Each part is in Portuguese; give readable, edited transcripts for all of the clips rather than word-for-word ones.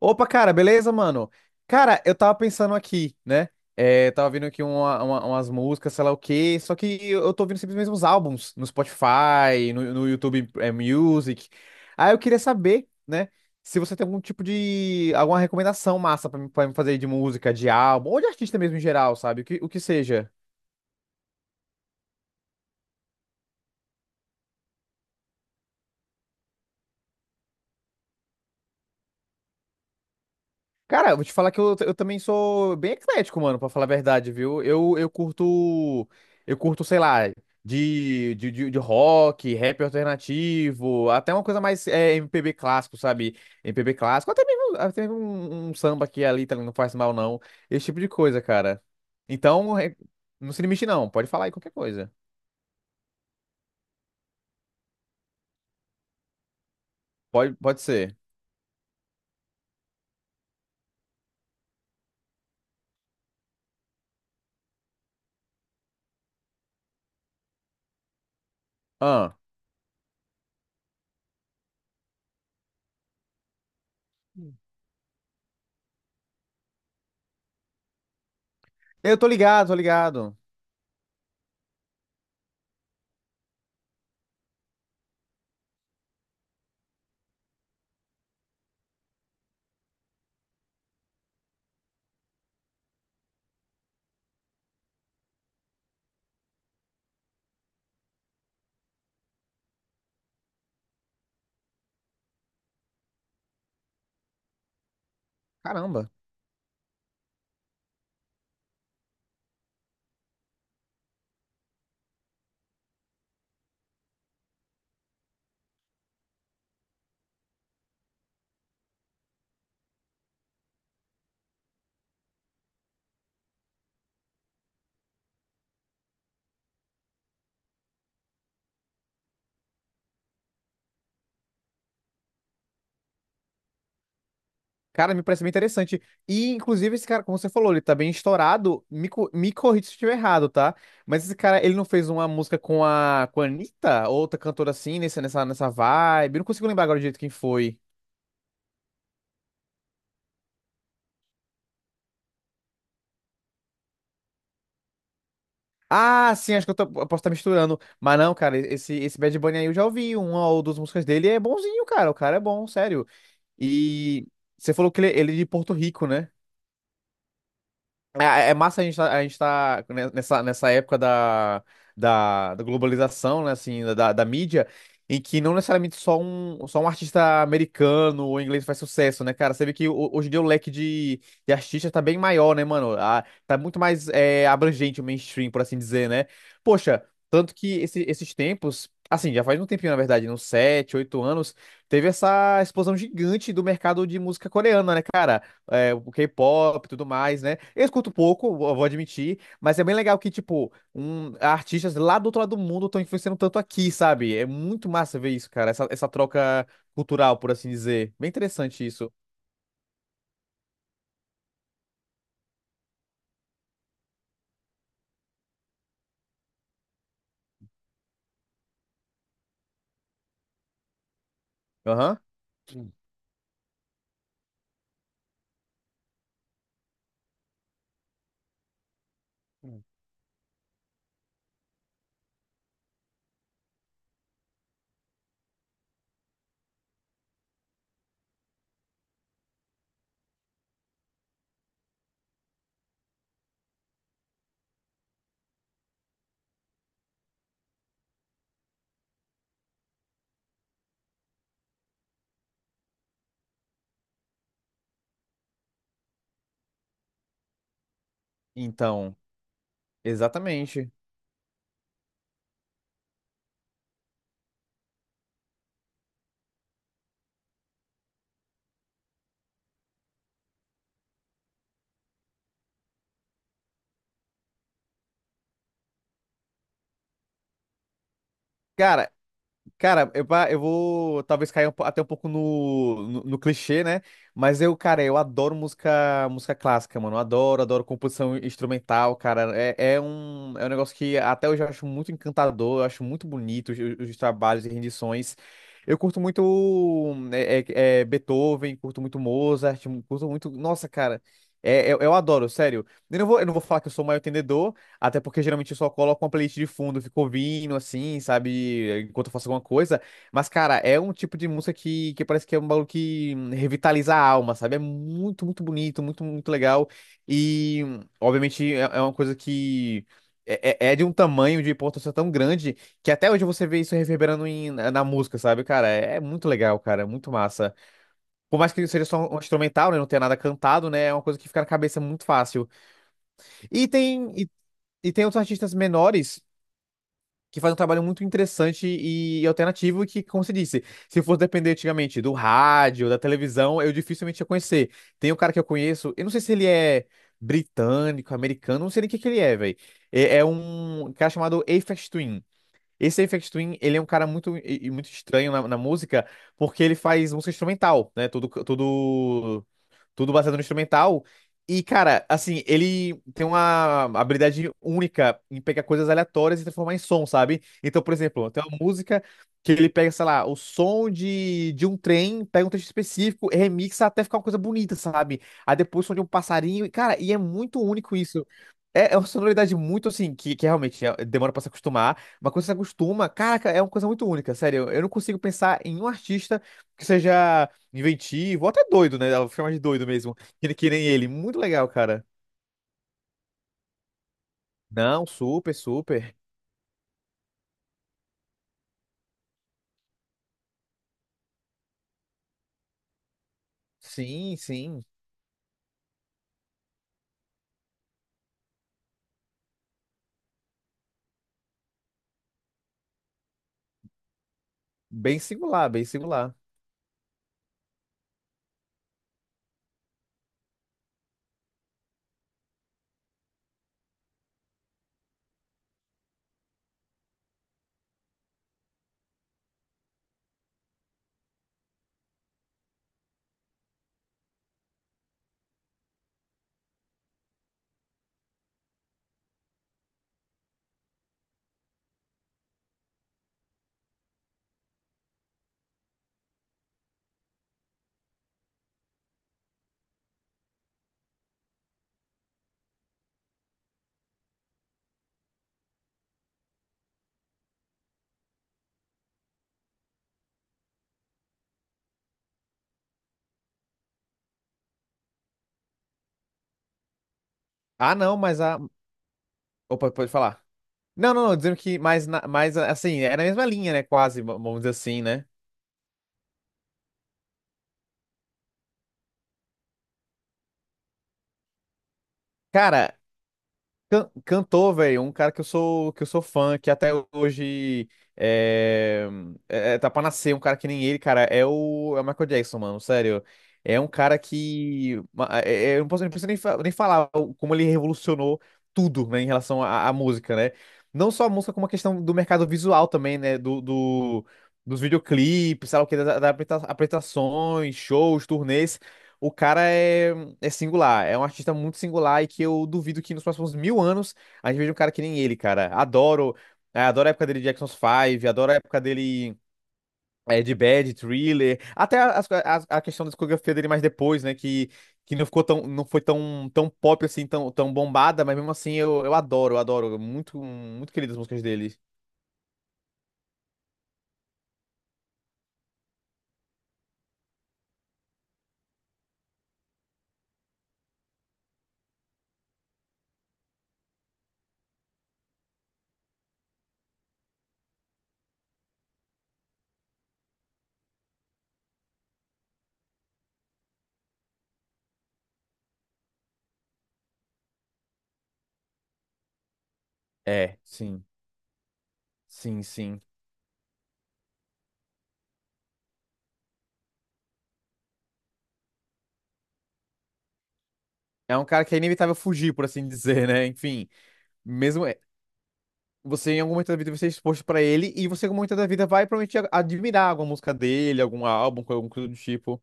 Opa, cara, beleza, mano? Cara, eu tava pensando aqui, né? É, tava vendo aqui umas músicas, sei lá o quê, só que eu tô ouvindo sempre os mesmos álbuns no Spotify, no YouTube Music. Aí eu queria saber, né, se você tem algum tipo de, alguma recomendação massa pra me fazer, de música, de álbum, ou de artista mesmo em geral, sabe? O que seja. Cara, eu vou te falar que eu também sou bem eclético, mano, pra falar a verdade, viu? Eu curto, sei lá, de rock, rap alternativo, até uma coisa mais MPB clássico, sabe? MPB clássico, até mesmo, até mesmo um samba que ali também não faz mal, não. Esse tipo de coisa, cara. Então, não se limite, não. Pode falar aí qualquer coisa. Pode ser. Ah, eu tô ligado, tô ligado. Caramba. Cara, me parece bem interessante. E, inclusive, esse cara, como você falou, ele tá bem estourado. Me corrija se eu estiver errado, tá? Mas esse cara, ele não fez uma música com a Anitta? Outra cantora assim, nessa vibe? Eu não consigo lembrar agora direito quem foi. Ah, sim, acho que eu posso estar misturando. Mas não, cara, esse Bad Bunny aí eu já ouvi uma ou duas músicas dele. É bonzinho, cara. O cara é bom, sério. E você falou que ele é de Porto Rico, né? É massa, a gente tá ne- nessa, nessa época da, da globalização, né, assim, da mídia, em que não necessariamente só um artista americano ou inglês faz sucesso, né, cara? Você vê que hoje em dia o leque de artistas tá bem maior, né, mano? Tá muito mais abrangente o mainstream, por assim dizer, né? Poxa, tanto que esses tempos, assim, já faz um tempinho, na verdade, né, uns 7, 8 anos, teve essa explosão gigante do mercado de música coreana, né, cara? O K-pop e tudo mais, né? Eu escuto pouco, eu vou admitir, mas é bem legal que, tipo, artistas lá do outro lado do mundo estão influenciando tanto aqui, sabe? É muito massa ver isso, cara, essa troca cultural, por assim dizer. Bem interessante isso. Aham. Hum, hum. Então, exatamente. Cara. Cara, eu vou talvez cair até um pouco no clichê, né? Mas eu, cara, eu adoro música, música clássica, mano. Eu adoro composição instrumental, cara. É um negócio que até hoje eu acho muito encantador, eu acho muito bonito os trabalhos e rendições. Eu curto muito Beethoven, curto muito Mozart, curto muito. Nossa, cara, eu adoro, sério. Eu não vou falar que eu sou o maior entendedor. Até porque geralmente eu só coloco uma playlist de fundo, fico ouvindo assim, sabe? Enquanto eu faço alguma coisa. Mas, cara, é um tipo de música que parece que é um bagulho que revitaliza a alma, sabe? É muito, muito bonito, muito, muito legal. E, obviamente, é uma coisa que é de um tamanho, de importância tão grande, que até hoje você vê isso reverberando na música, sabe? Cara, é muito legal, cara, é muito massa. Por mais que seja só um instrumental, né? Não tenha nada cantado, né? É uma coisa que fica na cabeça muito fácil. E tem. e e tem outros artistas menores que faz um trabalho muito interessante e alternativo que, como você disse, se fosse depender antigamente do rádio, da televisão, eu dificilmente ia conhecer. Tem um cara que eu conheço, eu não sei se ele é britânico, americano, não sei nem o que que ele é, velho. É um cara chamado Aphex Twin. Esse Aphex Twin, ele é um cara muito, e muito estranho na música, porque ele faz música instrumental, né? Tudo baseado no instrumental. E, cara, assim, ele tem uma habilidade única em pegar coisas aleatórias e transformar em som, sabe? Então, por exemplo, tem uma música que ele pega, sei lá, o som de um trem, pega um trecho específico, remixa até ficar uma coisa bonita, sabe? Aí depois o som de um passarinho, e, cara, e é muito único isso. É uma sonoridade muito assim, que realmente demora pra se acostumar, mas quando você se acostuma, caraca, é uma coisa muito única, sério. Eu não consigo pensar em um artista que seja inventivo, até doido, né? Dá pra chamar de doido mesmo. Que nem ele. Muito legal, cara. Não, super, super. Sim, sim. Bem singular, bem singular. Ah, não, mas a. Opa, pode falar. Não, não, não, dizendo que mais, mais assim, é na mesma linha, né? Quase, vamos dizer assim, né? Cara, cantor, velho, um cara que eu sou fã, que até hoje eh, tá pra nascer, um cara que nem ele, cara, é o Michael Jackson, mano, sério. É um cara que. Eu não posso, não preciso nem, nem falar como ele revolucionou tudo, né, em relação à música, né? Não só a música, como a questão do mercado visual também, né? Dos videoclipes, sabe o que, das apresentações, shows, turnês. O cara é singular, é um artista muito singular e que eu duvido que nos próximos mil anos a gente veja um cara que nem ele, cara. Adoro a época dele de Jackson 5, adoro a época dele de Bad, Thriller, até a questão da discografia dele mais depois, né, que não ficou tão, não foi tão, tão pop assim, tão, tão bombada, mas mesmo assim eu adoro, muito, muito querido as músicas dele. É, sim, sim, sim. É um cara que é inevitável fugir, por assim dizer, né? Enfim, mesmo. Você, em algum momento da vida, vai ser exposto pra ele e você, em algum momento da vida, vai provavelmente admirar alguma música dele, algum álbum, alguma coisa do tipo.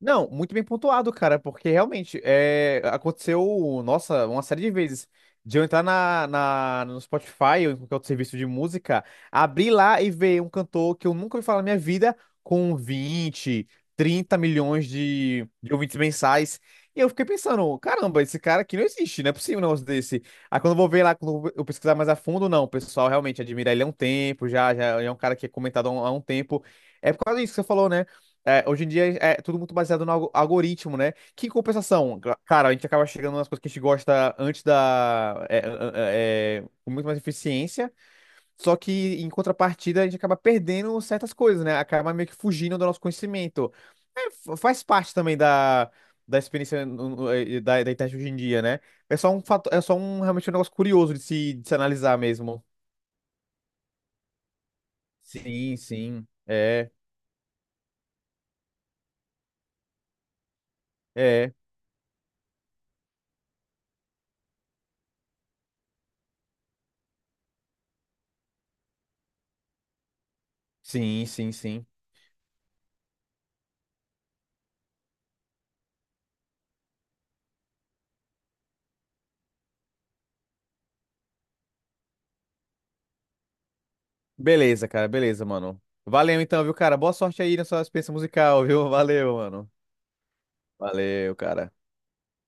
Não, muito bem pontuado, cara, porque realmente aconteceu, nossa, uma série de vezes de eu entrar no Spotify ou em qualquer outro serviço de música, abrir lá e ver um cantor que eu nunca ouvi falar na minha vida com 20, 30 milhões de ouvintes mensais. E eu fiquei pensando, caramba, esse cara aqui não existe, não é possível um negócio desse. Aí quando eu vou ver lá, quando eu pesquisar mais a fundo, não, o pessoal realmente admira ele há um tempo, já, já é um cara que é comentado há um tempo. É por causa disso que você falou, né? É, hoje em dia é tudo muito baseado no algoritmo, né? Que em compensação, cara, a gente acaba chegando nas coisas que a gente gosta antes da. É, é, é, com muito mais eficiência, só que em contrapartida a gente acaba perdendo certas coisas, né? Acaba meio que fugindo do nosso conhecimento. É, faz parte também da, da, experiência da internet hoje em dia, né? É só um realmente um negócio curioso de se analisar mesmo. Sim, sim. É, é. Sim, sim, sim. Beleza, cara, beleza, mano. Valeu então, viu, cara? Boa sorte aí na sua experiência musical, viu? Valeu, mano. Valeu, cara.